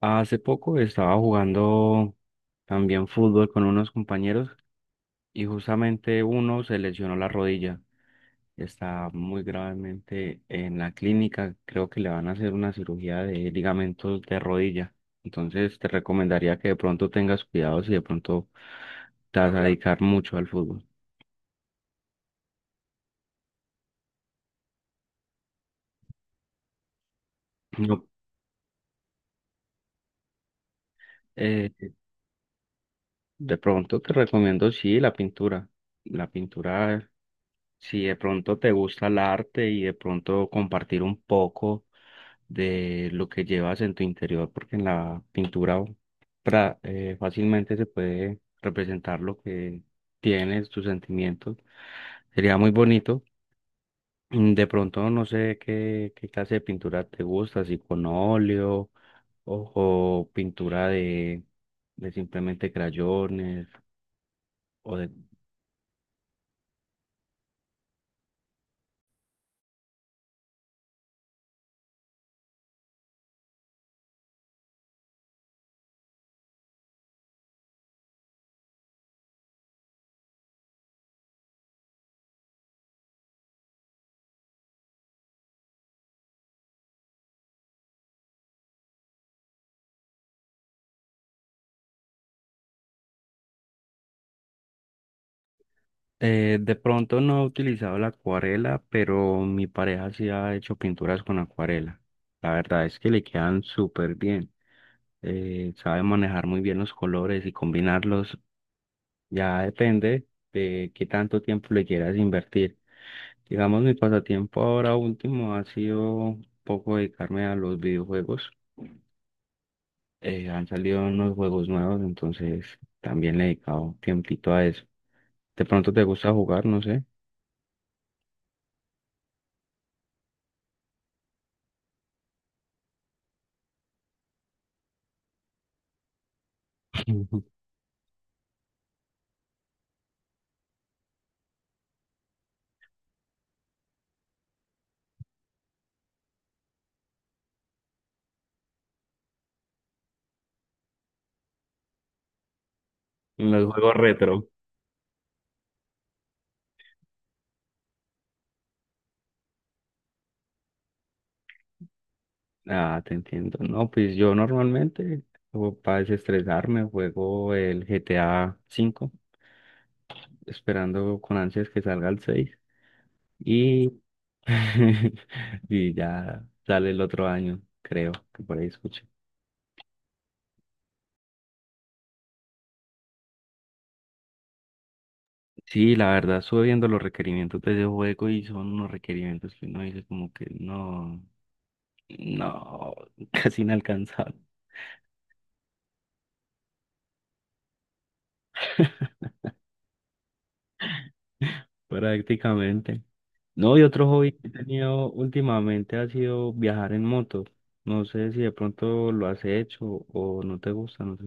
Hace poco estaba jugando también fútbol con unos compañeros y justamente uno se lesionó la rodilla. Está muy gravemente en la clínica. Creo que le van a hacer una cirugía de ligamentos de rodilla. Entonces te recomendaría que de pronto tengas cuidado si de pronto te vas a dedicar mucho al fútbol. No, eh, de pronto te recomiendo sí la pintura. La pintura. Si de pronto te gusta el arte y de pronto compartir un poco de lo que llevas en tu interior, porque en la pintura fácilmente se puede representar lo que tienes, tus sentimientos. Sería muy bonito. De pronto no sé qué clase de pintura te gusta, si con óleo o pintura de simplemente crayones o de pronto no he utilizado la acuarela, pero mi pareja sí ha hecho pinturas con acuarela. La verdad es que le quedan súper bien. Sabe manejar muy bien los colores y combinarlos. Ya depende de qué tanto tiempo le quieras invertir. Digamos, mi pasatiempo ahora último ha sido un poco dedicarme a los videojuegos. Han salido unos juegos nuevos, entonces también le he dedicado tiempito a eso. De pronto te gusta jugar, no sé. En los juegos retro. Ah, te entiendo. No, pues yo normalmente, para desestresarme, juego el GTA 5, esperando con ansias que salga el 6. Y, y ya sale el otro año, creo, que por ahí escuché. Sí, la verdad, estuve viendo los requerimientos de ese juego y son unos requerimientos que uno dice como que no, no, casi inalcanzable. Prácticamente. No, y otro hobby que he tenido últimamente ha sido viajar en moto. No sé si de pronto lo has hecho o no te gusta, no sé.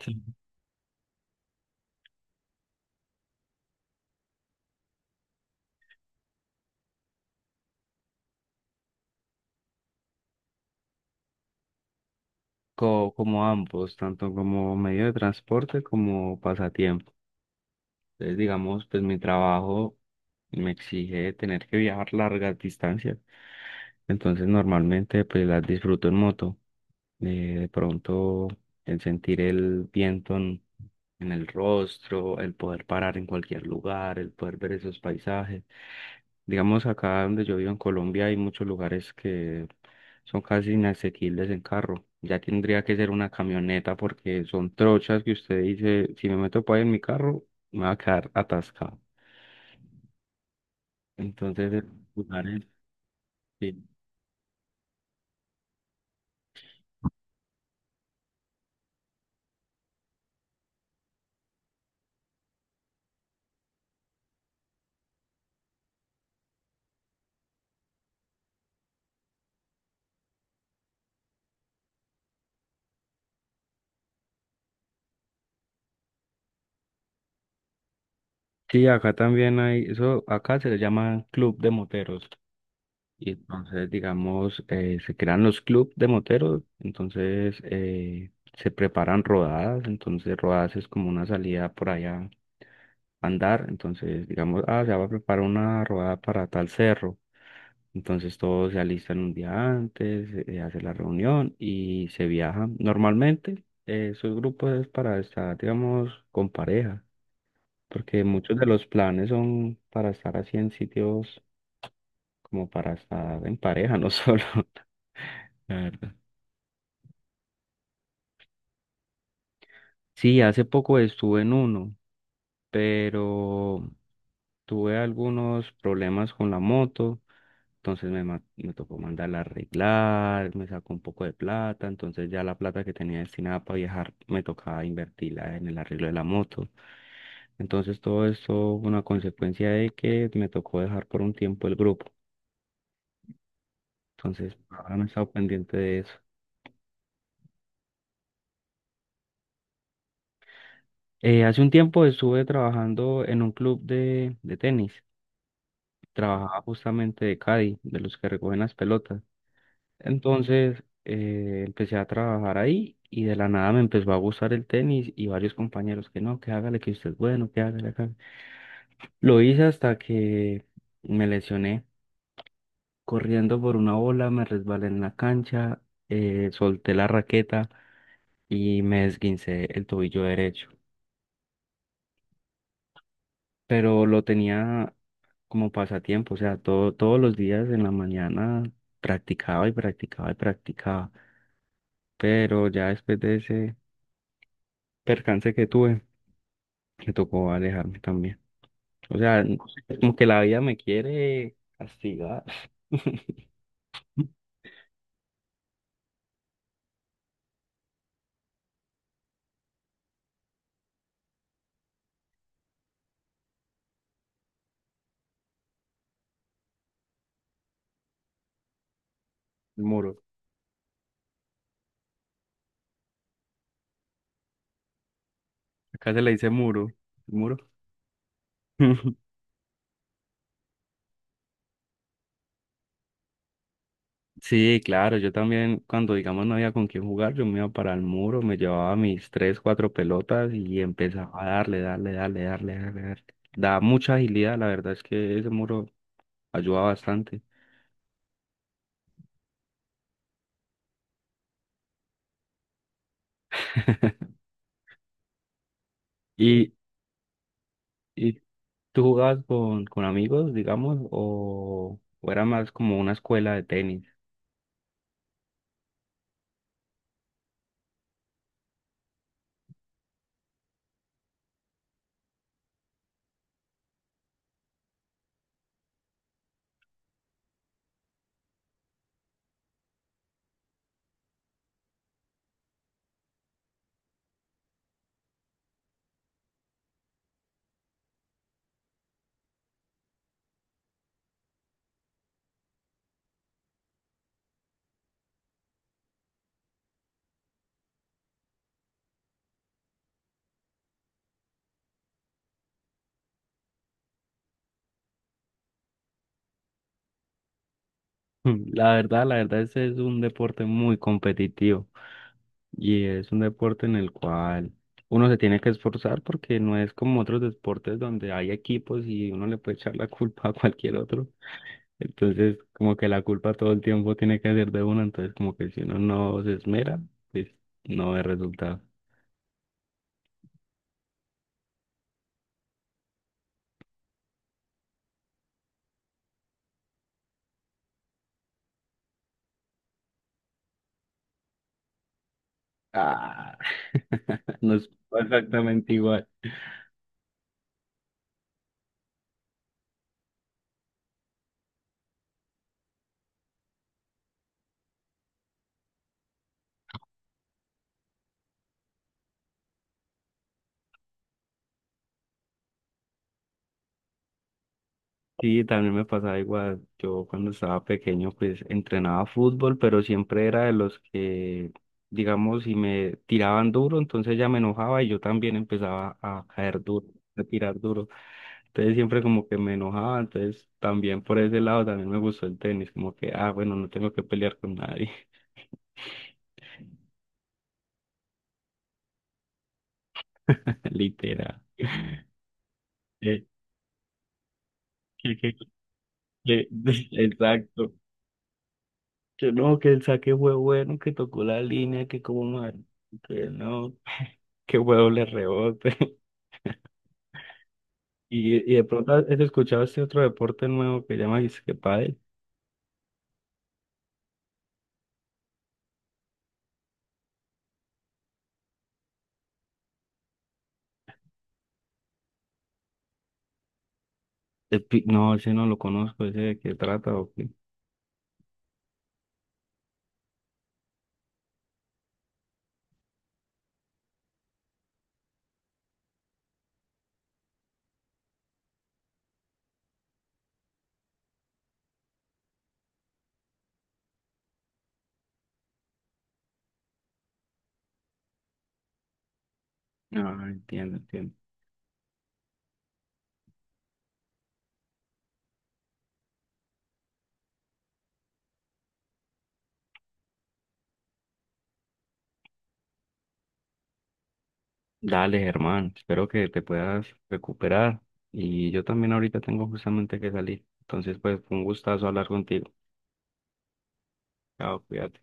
Sí. Como ambos, tanto como medio de transporte como pasatiempo. Entonces, digamos, pues mi trabajo me exige tener que viajar largas distancias. Entonces, normalmente, pues las disfruto en moto. De pronto, el sentir el viento en el rostro, el poder parar en cualquier lugar, el poder ver esos paisajes. Digamos, acá donde yo vivo en Colombia hay muchos lugares que son casi inasequibles en carro. Ya tendría que ser una camioneta porque son trochas que usted dice, si me meto para en mi carro, me va a quedar atascado. Entonces, lugar es- sí. Sí, acá también hay, eso acá se le llama club de moteros. Y entonces, digamos, se crean los club de moteros, entonces se preparan rodadas, entonces rodadas es como una salida por allá a andar, entonces digamos, ah, se va a preparar una rodada para tal cerro. Entonces todos se alistan un día antes, hace la reunión y se viaja. Normalmente esos grupos es para estar, digamos, con pareja, porque muchos de los planes son para estar así en sitios como para estar en pareja, no solo, la verdad. Sí, hace poco estuve en uno, pero tuve algunos problemas con la moto, entonces me tocó mandarla a arreglar, me sacó un poco de plata, entonces ya la plata que tenía destinada para viajar me tocaba invertirla en el arreglo de la moto. Entonces todo esto fue una consecuencia de que me tocó dejar por un tiempo el grupo. Entonces ahora no he estado pendiente de eso. Hace un tiempo estuve trabajando en un club de tenis. Trabajaba justamente de caddy, de los que recogen las pelotas. Entonces empecé a trabajar ahí y de la nada me empezó a gustar el tenis y varios compañeros que no, que hágale, que usted es bueno, que hágale, hágale. Lo hice hasta que me lesioné corriendo por una bola, me resbalé en la cancha, solté la raqueta y me esguincé el tobillo derecho. Pero lo tenía como pasatiempo, o sea, todos los días en la mañana practicaba y practicaba y practicaba. Pero ya después de ese percance que tuve, me tocó alejarme también. O sea, es como que la vida me quiere castigar. El muro. Acá se le dice muro. ¿El muro? Sí, claro, yo también cuando digamos no había con quién jugar, yo me iba para el muro, me llevaba mis tres, cuatro pelotas y empezaba a darle, darle, darle, darle, darle, darle. Da mucha agilidad, la verdad es que ese muro ayuda bastante. ¿Y, y tú jugabas con amigos, digamos, o era más como una escuela de tenis? La verdad, ese es un deporte muy competitivo y es un deporte en el cual uno se tiene que esforzar porque no es como otros deportes donde hay equipos y uno le puede echar la culpa a cualquier otro. Entonces, como que la culpa todo el tiempo tiene que ser de uno, entonces como que si uno no se esmera, pues no ve resultado. Ah, no es exactamente igual. Sí, también me pasaba igual. Yo cuando estaba pequeño, pues entrenaba fútbol, pero siempre era de los que, digamos, si me tiraban duro, entonces ya me enojaba y yo también empezaba a caer duro, a tirar duro. Entonces siempre como que me enojaba, entonces también por ese lado también me gustó el tenis, como que, ah, bueno, no tengo que pelear con nadie, literal. Eh, que- que- que- Exacto. Yo no, que el saque fue bueno, que tocó la línea, que como mal, que no, que huevo le rebote. Y de pronto has escuchado este otro deporte nuevo que llama dice que pádel. No, ese no lo conozco, ese de qué trata o qué. No, entiendo, entiendo. Dale, hermano, espero que te puedas recuperar. Y yo también ahorita tengo justamente que salir. Entonces, pues, fue un gustazo hablar contigo. Chao, cuídate.